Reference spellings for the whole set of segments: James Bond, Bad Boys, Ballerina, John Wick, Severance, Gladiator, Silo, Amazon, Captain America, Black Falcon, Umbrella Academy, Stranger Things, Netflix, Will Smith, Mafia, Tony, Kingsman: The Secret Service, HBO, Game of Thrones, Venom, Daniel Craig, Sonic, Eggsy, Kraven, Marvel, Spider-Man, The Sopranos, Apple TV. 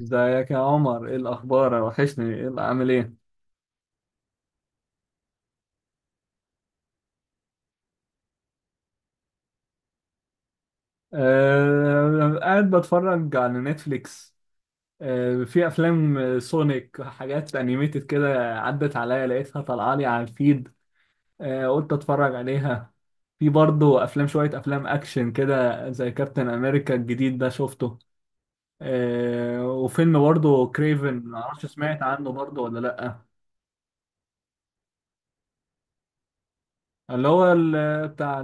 ازيك يا عمر؟ ايه الاخبار؟ وحشني، ايه اللي عامل ايه؟ آه، قاعد بتفرج على نتفليكس. آه، في افلام سونيك، حاجات انيميتد كده عدت عليا لقيتها طالعه لي على الفيد. آه، قلت اتفرج عليها. في برضه افلام، شويه افلام اكشن كده، زي كابتن امريكا الجديد ده شفته. آه، وفيلم برضه كريفن، معرفش سمعت عنه برضه ولا لا؟ اللي هو بتاع،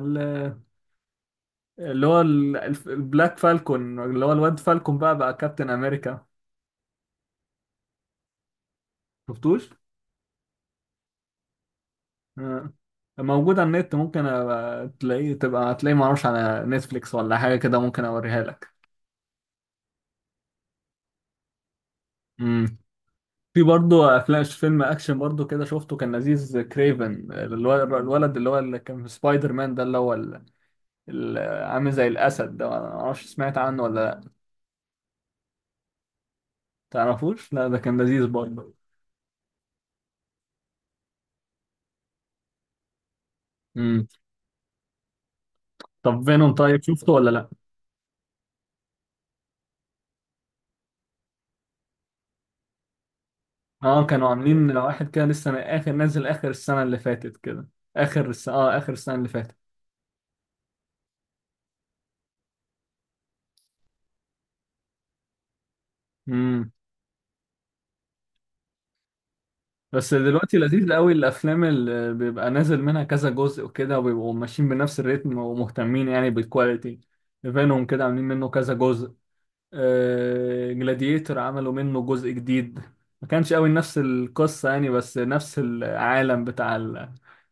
اللي هو البلاك فالكون، اللي هو الواد فالكون بقى كابتن امريكا. شفتوش؟ آه. موجود على النت، ممكن أبقى تلاقيه تبقى هتلاقيه، معرفش على نتفليكس ولا حاجة كده، ممكن اوريها لك. مم. في برضه افلام، فيلم اكشن برضه كده شفته كان لذيذ، كريفن، الولد اللي كان في سبايدر مان ده، اللي هو ال- ال- عامل زي الاسد ده. ما اعرفش سمعت عنه ولا لا؟ تعرفوش؟ لا، ده كان لذيذ برضه. مم. طب فينوم، طيب شفته ولا لا؟ اه، كانوا عاملين واحد كده لسه، من اخر نازل اخر السنه اللي فاتت كده. اخر السنه اللي فاتت. امم. بس دلوقتي لذيذ قوي الافلام اللي بيبقى نازل منها كذا جزء وكده، وبيبقوا ماشيين بنفس الريتم ومهتمين يعني بالكواليتي. فينوم كده عاملين منه كذا جزء. جلاديتر عملوا منه جزء جديد. ما كانش قوي نفس القصه يعني، بس نفس العالم بتاع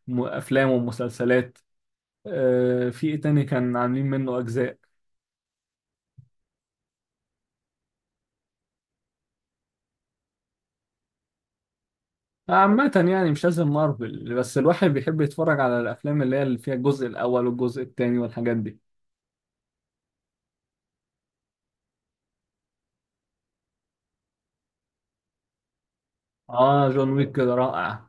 الافلام والمسلسلات. في ايه تاني كان عاملين منه اجزاء؟ عامة يعني مش لازم مارفل، بس الواحد بيحب يتفرج على الأفلام اللي فيها الجزء الأول والجزء الثاني والحاجات دي. آه، جون ويك كده رائع.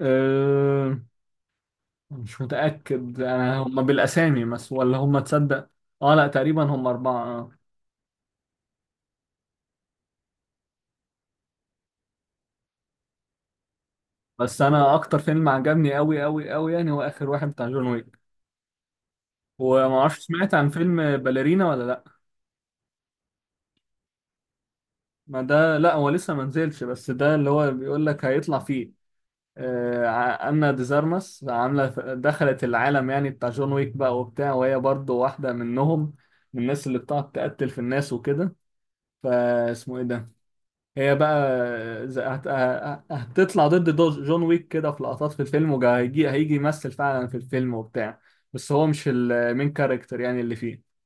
أه، مش متأكد أنا هما بالأسامي بس، ولا هما، تصدق؟ آه، لا، تقريبا هما أربعة، آه. بس أنا أكتر فيلم عجبني أوي أوي أوي يعني هو آخر واحد بتاع جون ويك، ومعرفش سمعت عن فيلم باليرينا ولا لأ؟ ما ده لأ، هو لسه منزلش، بس ده اللي هو بيقول لك هيطلع فيه. أنا ديزارمس عاملة دخلت العالم يعني بتاع جون ويك بقى وبتاع، وهي برضو واحدة منهم، من الناس اللي بتقعد تقتل في الناس وكده. فاسمه ايه ده؟ هي بقى هتطلع ضد جون ويك كده في لقطات في الفيلم، وهيجي يمثل فعلا في الفيلم وبتاع. بس هو مش المين كاركتر يعني اللي فيه.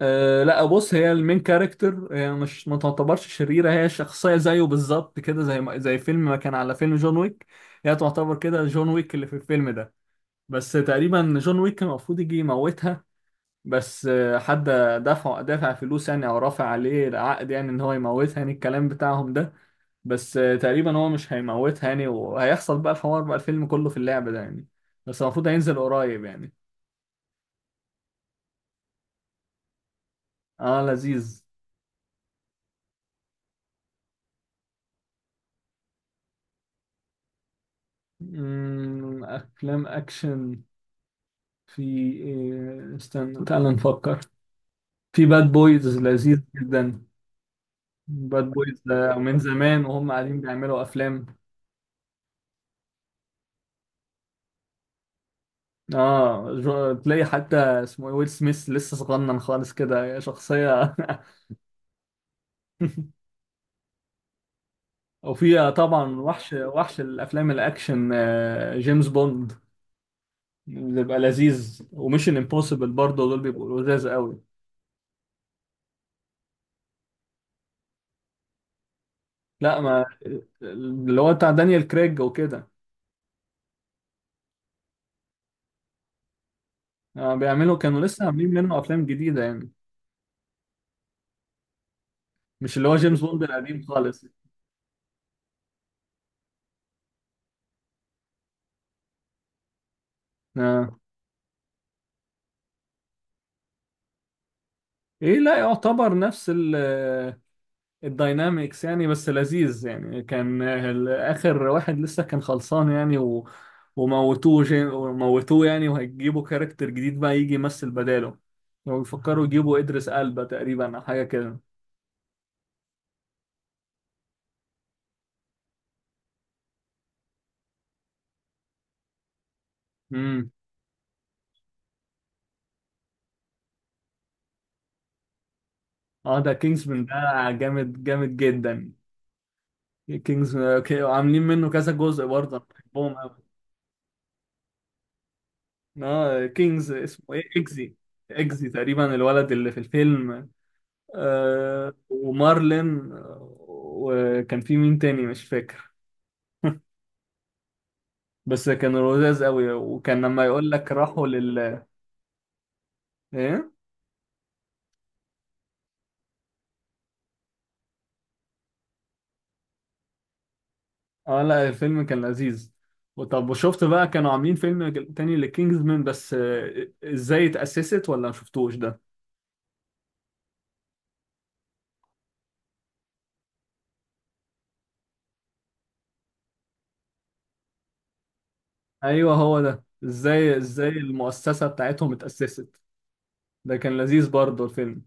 أه، لا، بص، هي المين كاركتر، هي مش، ما تعتبرش شريرة، هي شخصية زيه بالظبط كده، زي فيلم ما كان على فيلم جون ويك. هي تعتبر كده جون ويك اللي في الفيلم ده، بس تقريبا جون ويك كان المفروض يجي يموتها. بس حد دافع فلوس يعني، او رافع عليه العقد يعني ان هو يموتها، يعني الكلام بتاعهم ده. بس تقريبا هو مش هيموتها يعني، وهيحصل بقى الحوار بقى الفيلم كله في اللعبة ده يعني. بس المفروض هينزل قريب يعني. اه، لذيذ. افلام اكشن. في استنى تعال نفكر. في باد بويز لذيذ جدا. باد بويز ده من زمان وهم قاعدين بيعملوا افلام. اه، تلاقي حتى اسمه ويل سميث لسه صغنن خالص كده شخصية. وفيها طبعا وحش وحش الافلام الاكشن، جيمس بوند بيبقى لذيذ، وميشن امبوسيبل برضه دول بيبقوا لذاذ قوي. لا، ما، اللي هو بتاع دانيال كريج وكده. آه، بيعملوا كانوا لسه عاملين منه افلام جديدة يعني، مش اللي هو جيمس بوند القديم خالص. آه. ايه، لا، يعتبر نفس ال الداينامكس يعني، بس لذيذ يعني، كان اخر واحد لسه كان خلصان يعني، و... وموتوه يعني، وهيجيبوا كاركتر جديد بقى يجي يمثل بداله، ويفكروا يجيبوا ادريس البا تقريبا او حاجه كده. امم. اه، ده كينجزمان، ده جامد جامد جدا. كينجز، عاملين منه كذا جزء برضه، أنا بحبهم. اه كينجز، اسمه ايه، اكزي. اكزي تقريبا الولد اللي في الفيلم. آه، ومارلين، وكان في مين تاني مش فاكر. بس كانوا لذاذ قوي، وكان لما يقول لك راحوا لل... ايه، اه، لا، الفيلم كان لذيذ. وطب، وشفت بقى كانوا عاملين فيلم تاني لكينجز مان، بس ازاي اتأسست، ولا ما شفتوش ده؟ ايوه، هو ده، ازاي المؤسسة بتاعتهم اتأسست. ده كان لذيذ برضه الفيلم.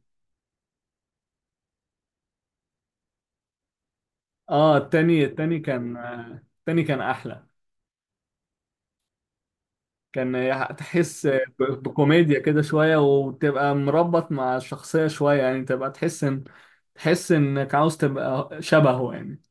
اه، التاني، التاني كان، التاني كان احلى. كان تحس بكوميديا كده شوية، وتبقى مربط مع الشخصية شوية يعني، تبقى تحس ان، تحس انك عاوز تبقى شبهه يعني.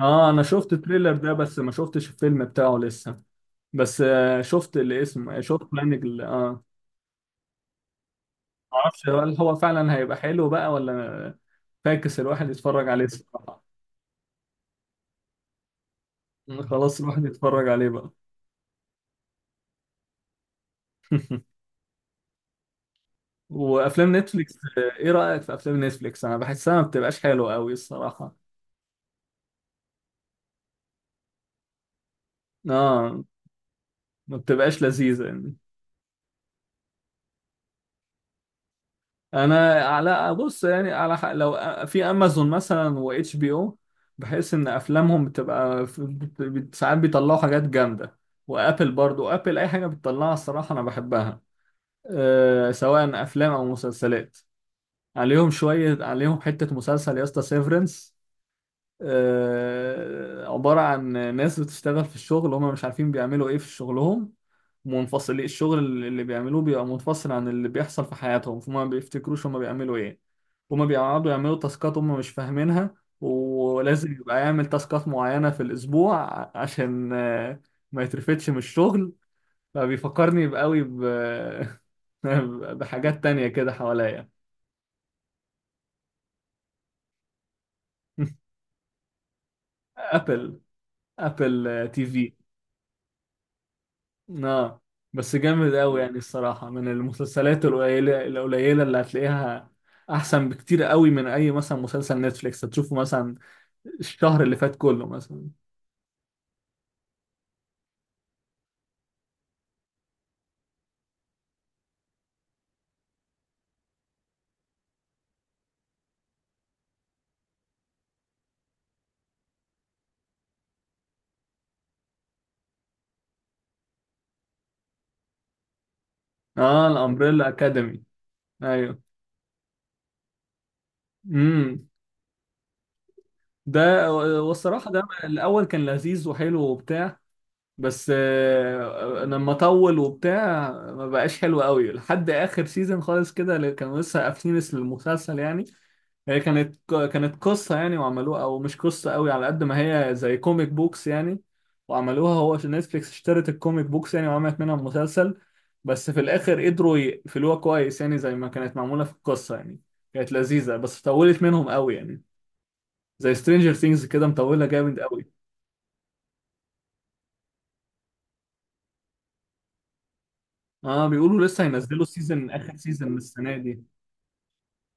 اه، انا شفت التريلر ده بس ما شفتش الفيلم بتاعه لسه. بس شفت الاسم، شفت بلانج معرفش هل هو فعلا هيبقى حلو بقى ولا، فاكس الواحد يتفرج عليه الصراحة، خلاص الواحد يتفرج عليه بقى. وافلام نتفليكس، ايه رايك في افلام نتفليكس؟ انا بحسها ما بتبقاش حلوه قوي الصراحه، اه، ما بتبقاش لذيذه يعني. انا على، بص يعني، على لو في امازون مثلا، واتش بي او، بحس ان افلامهم بتبقى ساعات بيطلعوا حاجات جامده. وابل، برضو ابل اي حاجه بتطلعها الصراحه انا بحبها. أه، سواء افلام او مسلسلات. عليهم شويه عليهم حته مسلسل يا اسطى، سيفرنس. عبارة عن ناس بتشتغل في الشغل، هم مش عارفين بيعملوا ايه في شغلهم. الشغل اللي بيعملوه بيبقى منفصل عن اللي بيحصل في حياتهم، فهم ما بيفتكروش هم بيعملوا ايه. هم بيقعدوا يعملوا تاسكات هم مش فاهمينها، ولازم يبقى يعمل تاسكات معينة في الأسبوع عشان ما يترفدش من الشغل. فبيفكرني بقوي ب... بحاجات تانية كده حواليا. أبل، أبل TV. اه، بس جامد قوي يعني الصراحة، من المسلسلات القليلة القليلة اللي هتلاقيها، أحسن بكتير قوي من أي مثلا مسلسل نتفليكس هتشوفه مثلا الشهر اللي فات كله مثلا. اه، الأمبريلا أكاديمي. أيوه. امم. ده، والصراحة ده الأول كان لذيذ وحلو وبتاع. بس لما طول وبتاع ما بقاش حلو قوي لحد اخر سيزون خالص كده، اللي كانوا لسه قافلين المسلسل يعني. هي كانت قصة يعني وعملوها، او مش قصة قوي على قد ما هي زي كوميك بوكس يعني، وعملوها هو عشان نتفليكس اشترت الكوميك بوكس يعني وعملت منها مسلسل. بس في الاخر قدروا يقفلوها كويس يعني زي ما كانت معمولة في القصة يعني. كانت لذيذة بس طولت منهم قوي يعني، زي سترينجر ثينجز كده مطولة جامد قوي. اه، بيقولوا لسه هينزلوا اخر سيزون السنه دي.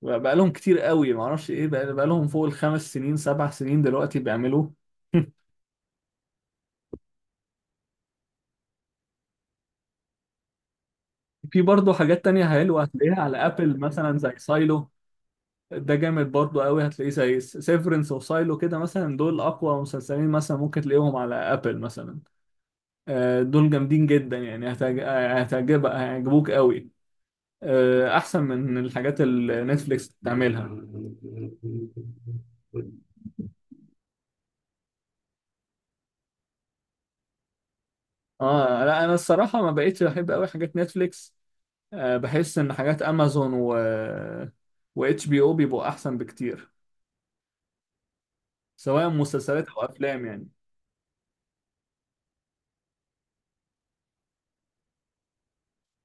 بقى لهم كتير قوي، ما اعرفش ايه بقى لهم فوق ال5 سنين، 7 سنين دلوقتي بيعملوا. في برضه حاجات تانية حلوة هتلاقيها على ابل مثلا زي سايلو، ده جامد برضه قوي، هتلاقيه زي سيفرنس وسايلو كده مثلا، دول اقوى مسلسلين مثلا ممكن تلاقيهم على ابل مثلا. دول جامدين جدا يعني، هتعجبك، هيعجبوك قوي. احسن من الحاجات اللي نتفليكس بتعملها. اه، لا، انا الصراحه ما بقيتش بحب قوي حاجات نتفليكس. آه، بحس ان حاجات امازون و واتش بي او بيبقوا احسن بكتير، سواء مسلسلات او افلام يعني.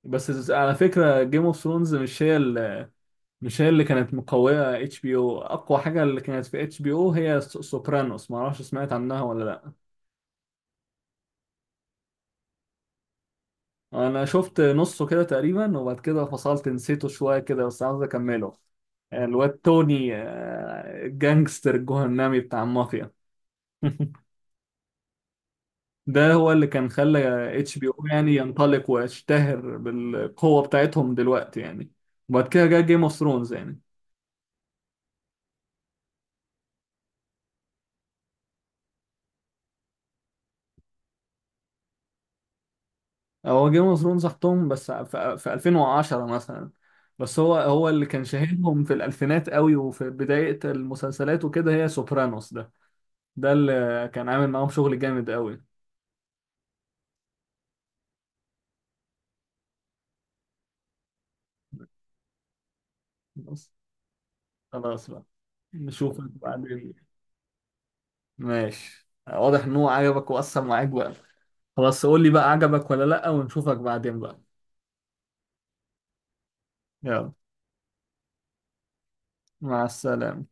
بس على فكره، جيم اوف ثرونز مش هي مش هي اللي كانت مقويه HBO. اقوى حاجه اللي كانت في HBO هي سوبرانوس، ما اعرفش سمعت عنها ولا لا؟ انا شفت نصه كده تقريبا، وبعد كده فصلت نسيته شويه كده، بس عاوز اكمله. الواد توني جانجستر جهنمي بتاع المافيا. ده هو اللي كان خلى HBO يعني ينطلق ويشتهر بالقوة بتاعتهم دلوقتي يعني. وبعد كده جه جيم اوف ثرونز يعني. هو جيم اوف ثرونز حطهم بس في 2010 مثلا، بس هو اللي كان شاهدهم في الألفينات قوي وفي بداية المسلسلات وكده، هي سوبرانوس ده، ده اللي كان عامل معاهم شغل جامد قوي. بس خلاص بقى، نشوفك بعدين. ماشي، واضح ان هو عجبك وأثر معاك بقى. خلاص قول لي بقى عجبك ولا لأ، ونشوفك بعدين بقى. يلا، مع السلامة.